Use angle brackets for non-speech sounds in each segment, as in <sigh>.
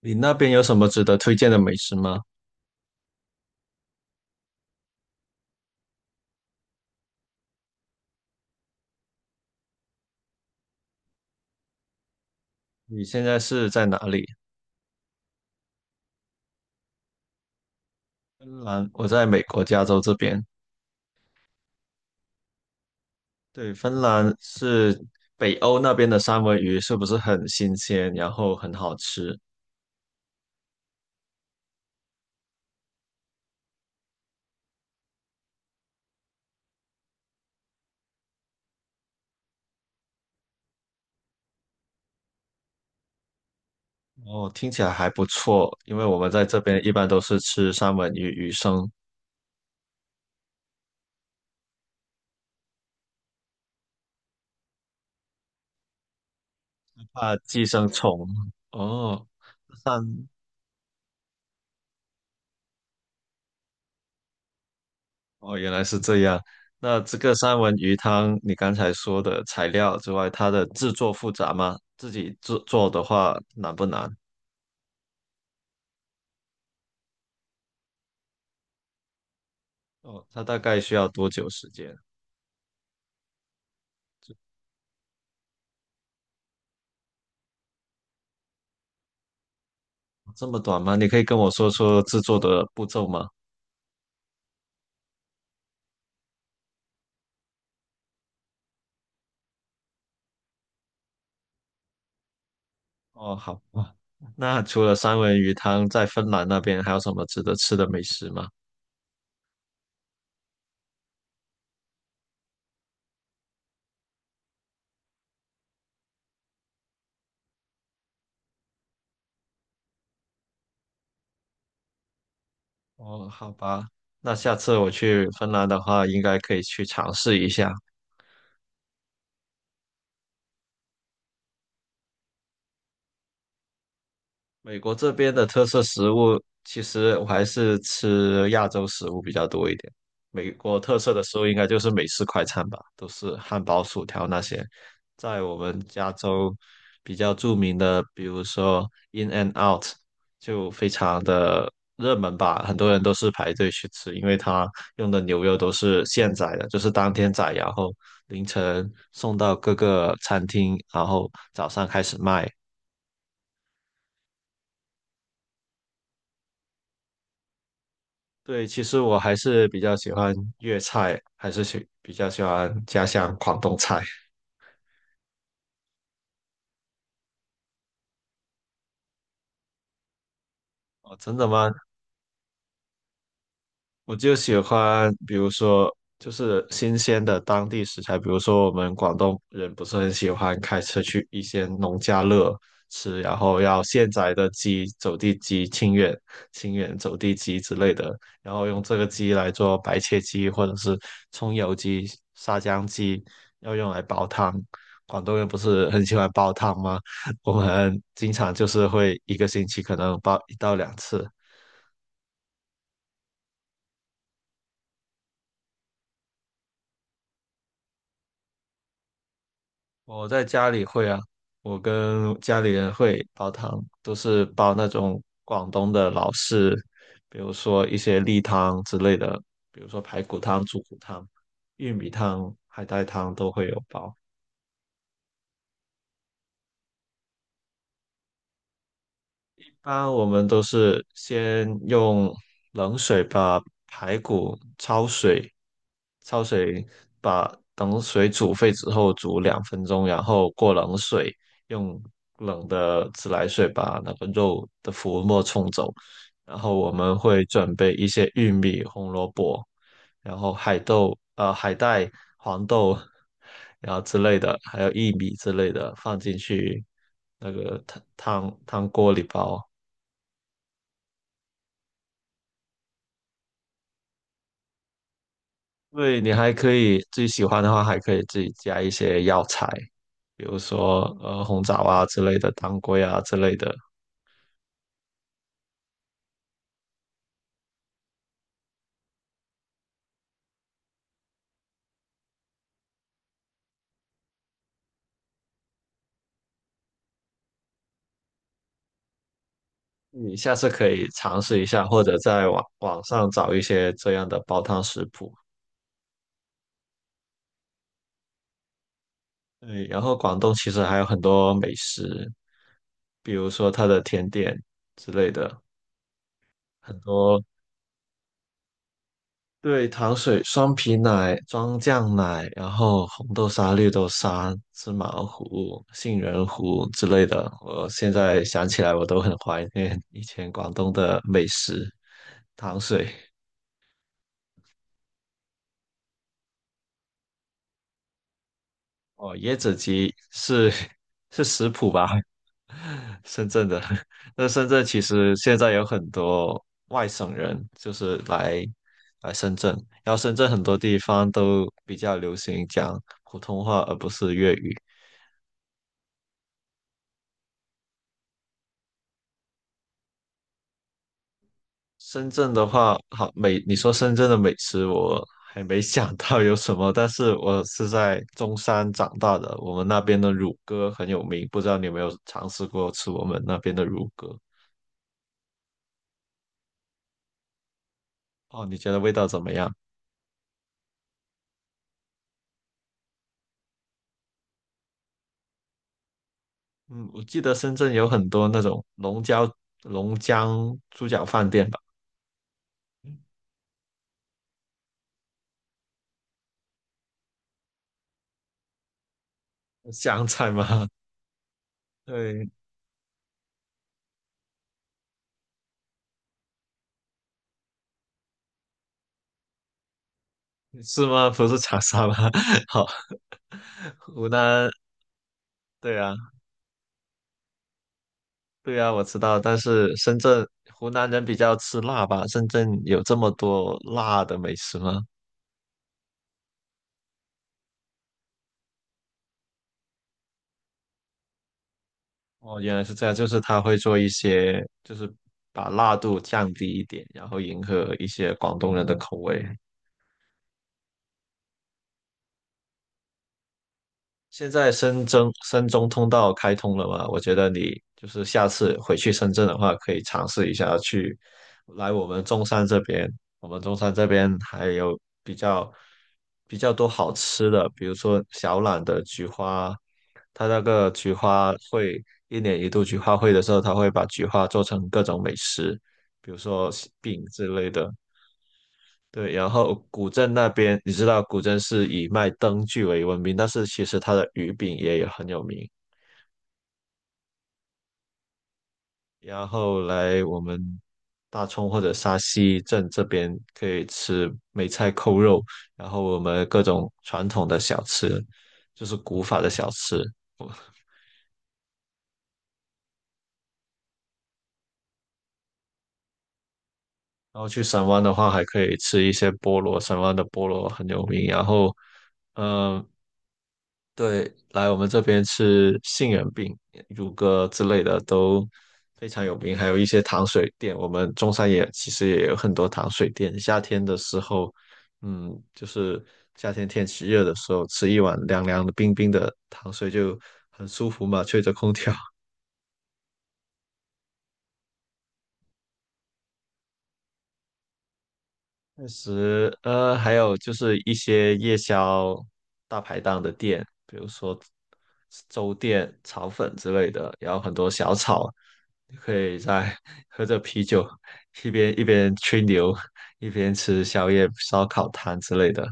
你那边有什么值得推荐的美食吗？你现在是在哪里？芬兰，我在美国加州这边。对，芬兰是北欧那边的三文鱼，是不是很新鲜，然后很好吃？哦，听起来还不错，因为我们在这边一般都是吃三文鱼鱼生，怕寄生虫。哦，三，哦，原来是这样。那这个三文鱼汤，你刚才说的材料之外，它的制作复杂吗？自己制做的话难不难？哦，它大概需要多久时间？这么短吗？你可以跟我说说制作的步骤吗？哦，好吧。那除了三文鱼汤，在芬兰那边还有什么值得吃的美食吗？哦，好吧。那下次我去芬兰的话，应该可以去尝试一下。美国这边的特色食物，其实我还是吃亚洲食物比较多一点。美国特色的食物应该就是美式快餐吧，都是汉堡、薯条那些。在我们加州比较著名的，比如说 In and Out，就非常的热门吧，很多人都是排队去吃，因为它用的牛肉都是现宰的，就是当天宰，然后凌晨送到各个餐厅，然后早上开始卖。对，其实我还是比较喜欢粤菜，还是比较喜欢家乡广东菜。哦，真的吗？我就喜欢，比如说就是新鲜的当地食材，比如说我们广东人不是很喜欢开车去一些农家乐吃，然后要现宰的鸡、走地鸡、清远走地鸡之类的，然后用这个鸡来做白切鸡或者是葱油鸡、沙姜鸡，要用来煲汤。广东人不是很喜欢煲汤吗？<laughs> 我们经常就是会一个星期可能煲一到两次。我在家里会啊，我跟家里人会煲汤，都是煲那种广东的老式，比如说一些例汤之类的，比如说排骨汤、猪骨汤、玉米汤、海带汤都会有煲。一般我们都是先用冷水把排骨焯水，焯水把等水煮沸之后煮两分钟，然后过冷水，用冷的自来水把那个肉的浮沫冲走。然后我们会准备一些玉米、红萝卜，然后海豆、海带、黄豆，然后之类的，还有薏米之类的放进去那个汤锅里煲。对，你还可以自己喜欢的话，还可以自己加一些药材，比如说红枣啊之类的，当归啊之类的。你下次可以尝试一下，或者在网上找一些这样的煲汤食谱。对，然后广东其实还有很多美食，比如说它的甜点之类的，很多对，糖水、双皮奶、装酱奶，然后红豆沙、绿豆沙、芝麻糊、杏仁糊之类的，我现在想起来我都很怀念以前广东的美食。糖水哦，椰子鸡是 <laughs> 是食谱吧？<laughs> 深圳的，<laughs> 那深圳其实现在有很多外省人，就是来深圳，然后深圳很多地方都比较流行讲普通话，而不是粤语。深圳的话，好美，你说深圳的美食，我还没想到有什么，但是我是在中山长大的，我们那边的乳鸽很有名，不知道你有没有尝试过吃我们那边的乳鸽？哦，你觉得味道怎么样？嗯，我记得深圳有很多那种龙江猪脚饭店吧，湘菜吗？<laughs> 对，是吗？不是长沙吗？<laughs> 好，湖南，对啊。对啊，我知道，但是深圳湖南人比较吃辣吧？深圳有这么多辣的美食吗？哦，原来是这样，就是他会做一些，就是把辣度降低一点，然后迎合一些广东人的口味。现在深圳深中通道开通了嘛？我觉得你就是下次回去深圳的话，可以尝试一下去来我们中山这边。我们中山这边还有比较多好吃的，比如说小榄的菊花，它那个菊花会一年一度菊花会的时候，它会把菊花做成各种美食，比如说饼之类的。对，然后古镇那边，你知道古镇是以卖灯具为闻名，但是其实它的鱼饼也很有名。然后来我们大冲或者沙溪镇这边可以吃梅菜扣肉，然后我们各种传统的小吃，就是古法的小吃。然后去神湾的话，还可以吃一些菠萝，神湾的菠萝很有名。然后，嗯、对，来我们这边吃杏仁饼、乳鸽之类的都非常有名，还有一些糖水店。我们中山也其实也有很多糖水店。夏天的时候，嗯，就是夏天天气热的时候，吃一碗凉凉的、冰冰的糖水就很舒服嘛，吹着空调。确实，还有就是一些夜宵大排档的店，比如说粥店、炒粉之类的，然后很多小炒，你可以在 <laughs> 喝着啤酒，一边吹牛，一边吃宵夜、烧烤摊之类的。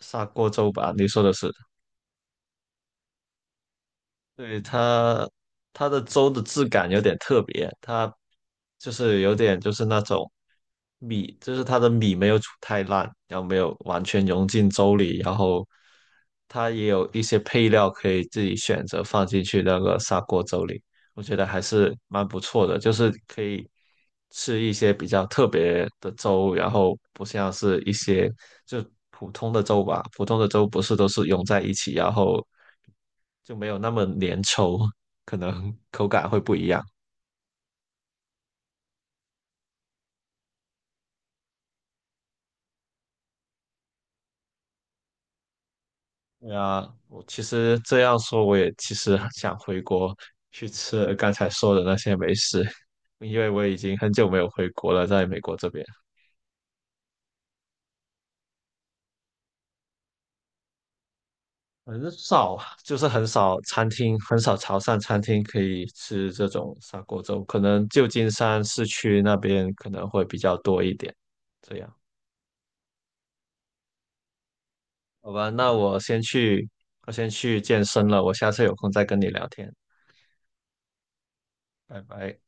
砂锅粥吧，你说的是？对它，它的粥的质感有点特别，它就是有点就是那种米，就是它的米没有煮太烂，然后没有完全融进粥里，然后它也有一些配料可以自己选择放进去那个砂锅粥里，我觉得还是蛮不错的，就是可以吃一些比较特别的粥，然后不像是一些就普通的粥吧，普通的粥不是都是融在一起，然后就没有那么粘稠，可能口感会不一样。对啊，我其实这样说，我也其实想回国去吃刚才说的那些美食，因为我已经很久没有回国了，在美国这边很少，就是很少餐厅，很少潮汕餐厅可以吃这种砂锅粥，可能旧金山市区那边可能会比较多一点。这样，好吧，那我先去，我先去健身了，我下次有空再跟你聊天，拜拜。